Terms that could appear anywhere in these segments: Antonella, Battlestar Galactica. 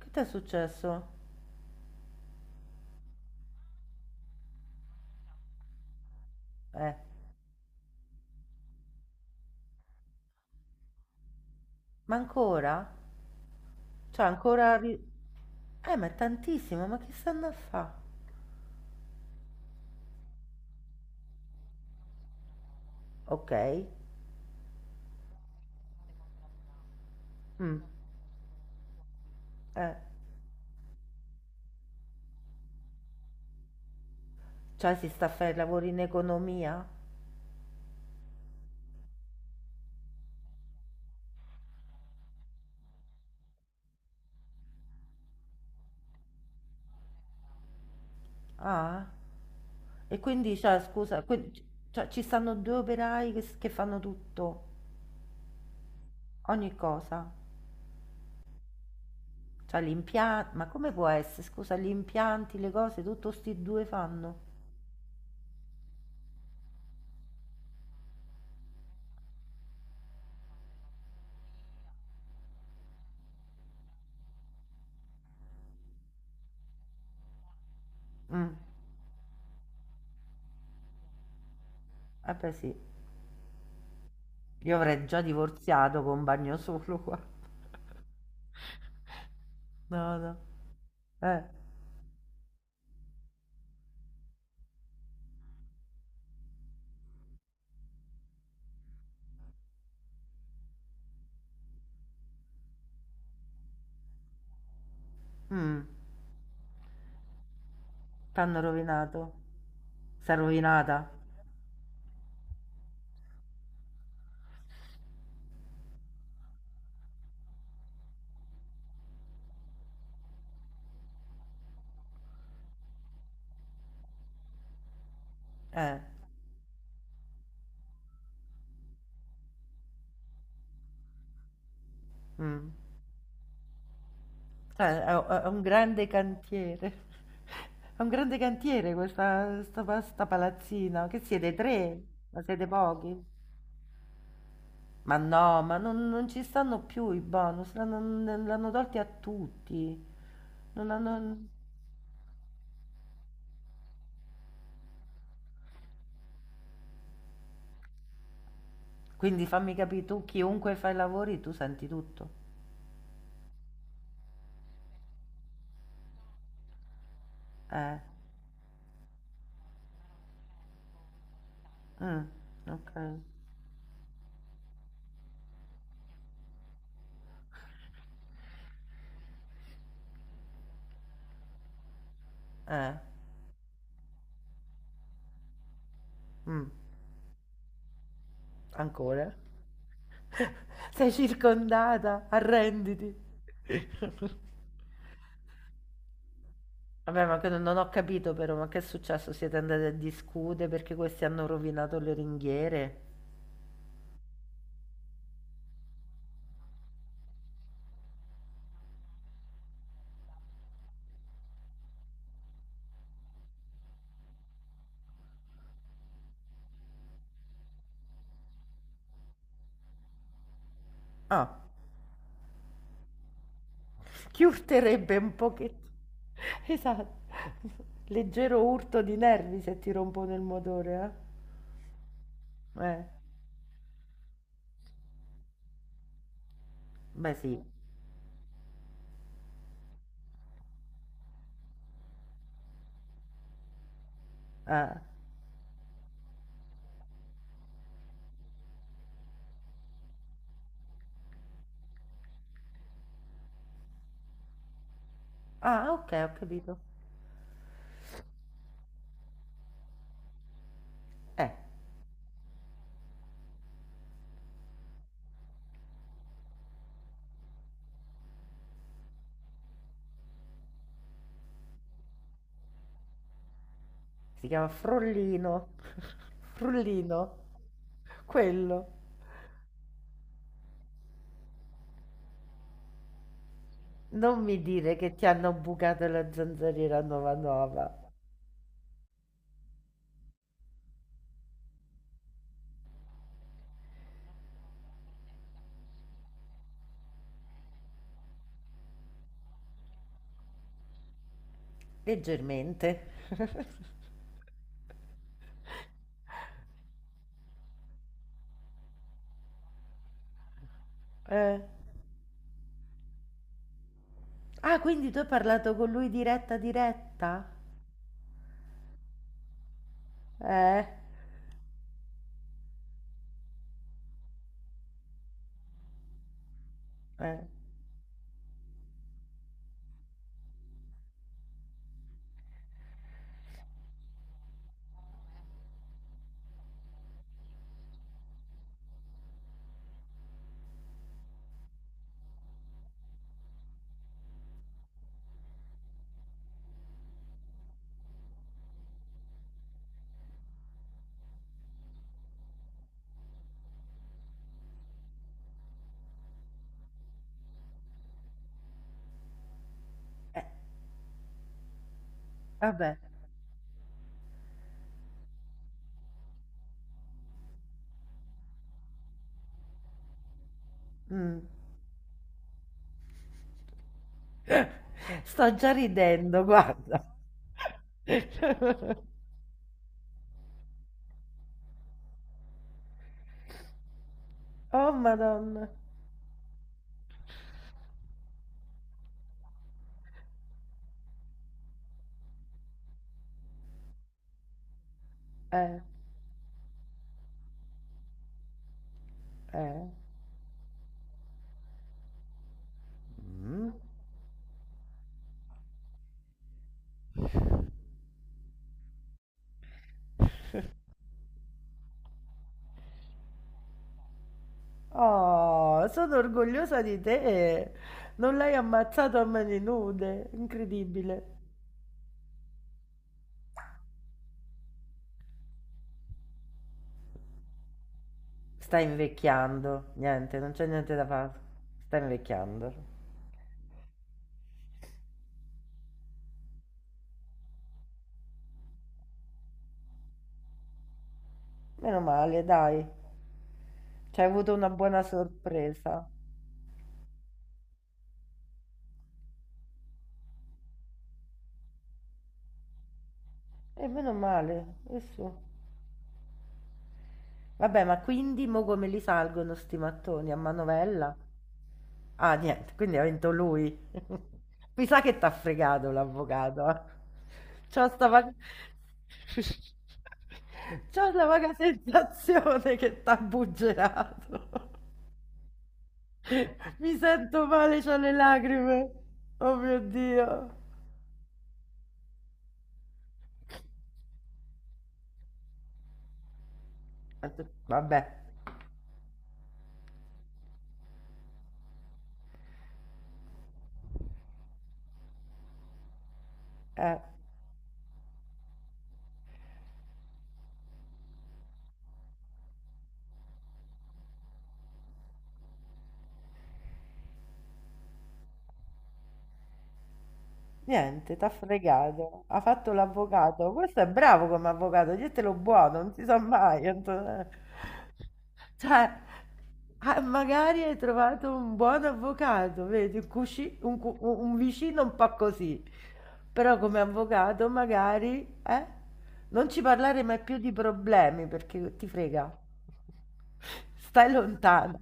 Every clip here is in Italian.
Che ti è successo? Eh, ma ancora? Cioè, ancora. Ma è tantissimo, ma che stanno a fa? Ok. Mm, eh, cioè si sta a fare lavori in economia? Ah, e quindi, cioè, scusa, cioè, ci stanno due operai che fanno tutto, ogni cosa. Cioè, gli impianti. Ma come può essere? Scusa, gli impianti, le cose, tutto sti due fanno. Mm, eh beh sì. Io avrei già divorziato con un bagno solo qua. No, no. Eh. Mm. T'hanno rovinato. Sei rovinata? Eh. Mm. È un grande cantiere. È un grande cantiere questa sta palazzina. Che siete tre? Ma siete pochi? Ma no, ma non ci stanno più i bonus, l'hanno tolti a tutti. Non hanno- Quindi fammi capire, tu chiunque fai i lavori, tu senti tutto. Eh, mm, ok. Eh, mm. Ancora? Sei circondata, arrenditi. Vabbè, ma che non ho capito però, ma che è successo? Siete andati a discutere perché questi hanno rovinato le ringhiere? Ah, chi urterebbe un pochettino? Esatto. Leggero urto di nervi se ti rompono il motore, eh? Beh sì. Ah, ah, ok, ho capito. Eh, si chiama Frollino. Frullino. Quello. Non mi dire che ti hanno bucato la zanzariera nuova nuova. Leggermente. Eh. Ah, quindi tu hai parlato con lui diretta diretta? Eh, eh, eh, Vabbè. Mm. Sto già ridendo, guarda. Oh, Madonna. Eh, eh. Mm. Oh, sono orgogliosa di te. Non l'hai ammazzato a mani nude. Incredibile. Stai invecchiando, niente, non c'è niente da fare. Stai invecchiando. Meno male, dai. Ci hai avuto una buona sorpresa. E meno male, e su. Vabbè, ma quindi mo come li salgono sti mattoni a manovella? Ah, niente, quindi ha vinto lui. Mi sa che t'ha fregato l'avvocato. Eh. C'ho sta vaga. C'ho la vaga sensazione che t'ha buggerato. Mi sento male, c'ho le lacrime. Oh mio Dio. Ho detto, vabbè, eh, niente, t'ha fregato. Ha fatto l'avvocato. Questo è bravo come avvocato, dietelo buono, non si sa mai. Antonella. Cioè, ah, magari hai trovato un buon avvocato, vedi, un, cusci- un cu- un vicino un po' così, però come avvocato magari, non ci parlare mai più di problemi perché ti frega, stai lontano.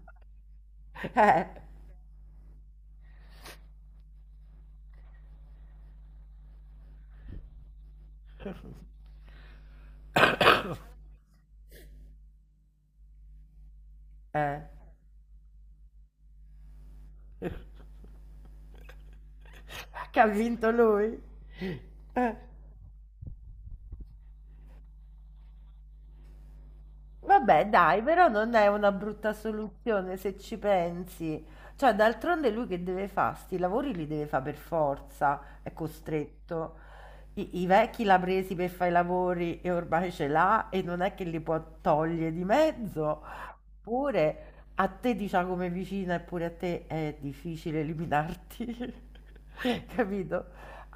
Eh, eh, che ha vinto lui. Eh. Vabbè, dai, però non è una brutta soluzione se ci pensi. Cioè, d'altronde lui che deve fare? Sti lavori li deve fare per forza, è costretto. I vecchi l'ha presi per fare i lavori e ormai ce l'ha e non è che li può togliere di mezzo. Pure a te, diciamo, come vicina, e pure a te è difficile eliminarti, capito?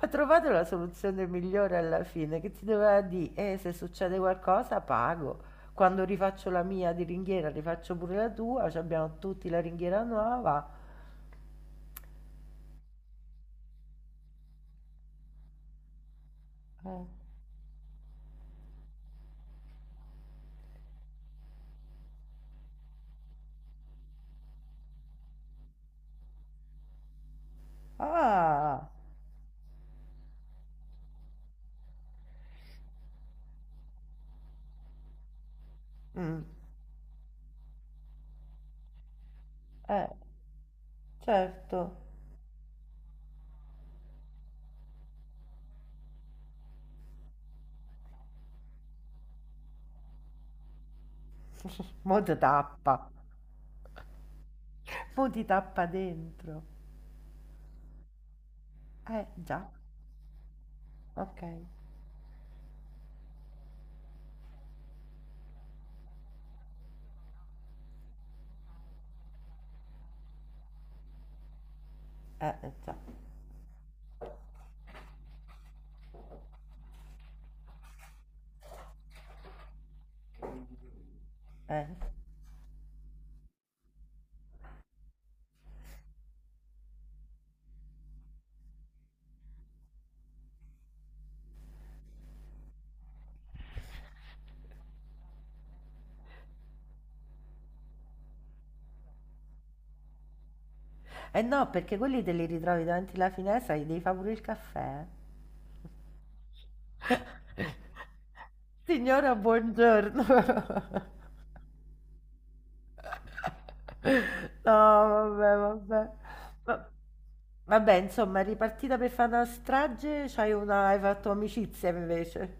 Ha trovato la soluzione migliore alla fine, che ti doveva dire, se succede qualcosa pago. Quando rifaccio la mia di ringhiera, rifaccio pure la tua, ci abbiamo tutti la ringhiera nuova. Eh. Ah, mm, eh, certo. Mo ti tappa, mo ti tappa dentro. Già. Ok. Già. Eh. Eh no, perché quelli te li ritrovi davanti alla finestra, gli devi fare pure il caffè. Signora, buongiorno. No, vabbè, vabbè. Ma- Vabbè, insomma, ripartita per fare una strage, hai fatto amicizia invece.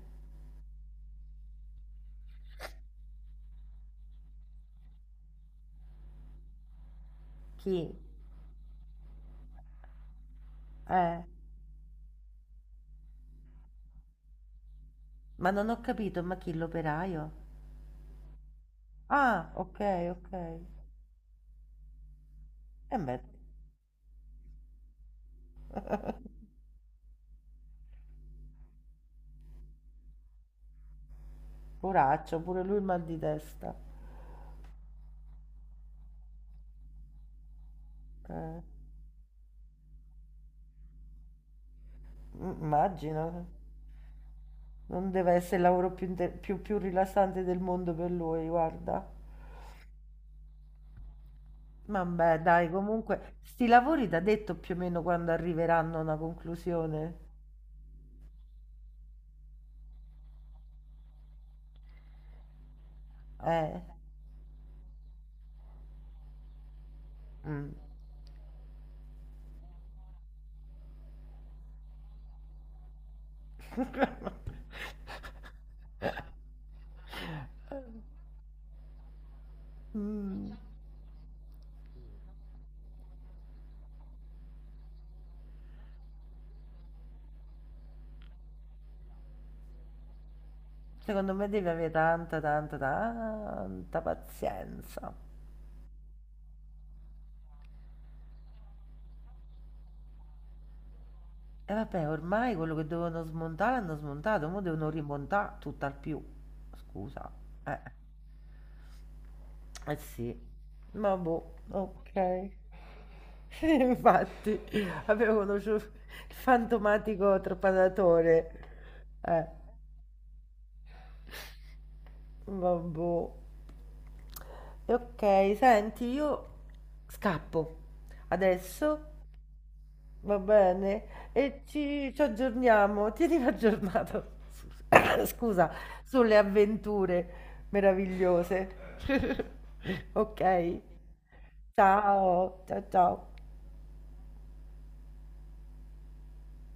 Chi? Eh, ma non ho capito, ma chi l'operaio? Ah, ok, ok. E beh, poraccio, pure lui il mal di testa. Eh, Immagino. Non deve essere il lavoro più rilassante del mondo per lui, guarda. Vabbè, dai, comunque, sti lavori t'ha detto più o meno quando arriveranno a una conclusione. Eh. Mm. Mm. Secondo me devi avere tanta, tanta, tanta pazienza. E vabbè, ormai quello che dovevano smontare hanno smontato, ora devono rimontare tutt'al più. Scusa. Eh, eh sì. Ma boh, ok. Infatti, avevo conosciuto il fantomatico trepadatore. Eh, ma boh. E ok, senti, io scappo. Adesso Va bene, e ci aggiorniamo. Tienimi aggiornato, scusa, sulle avventure meravigliose. Ok? Ciao, ciao, ciao.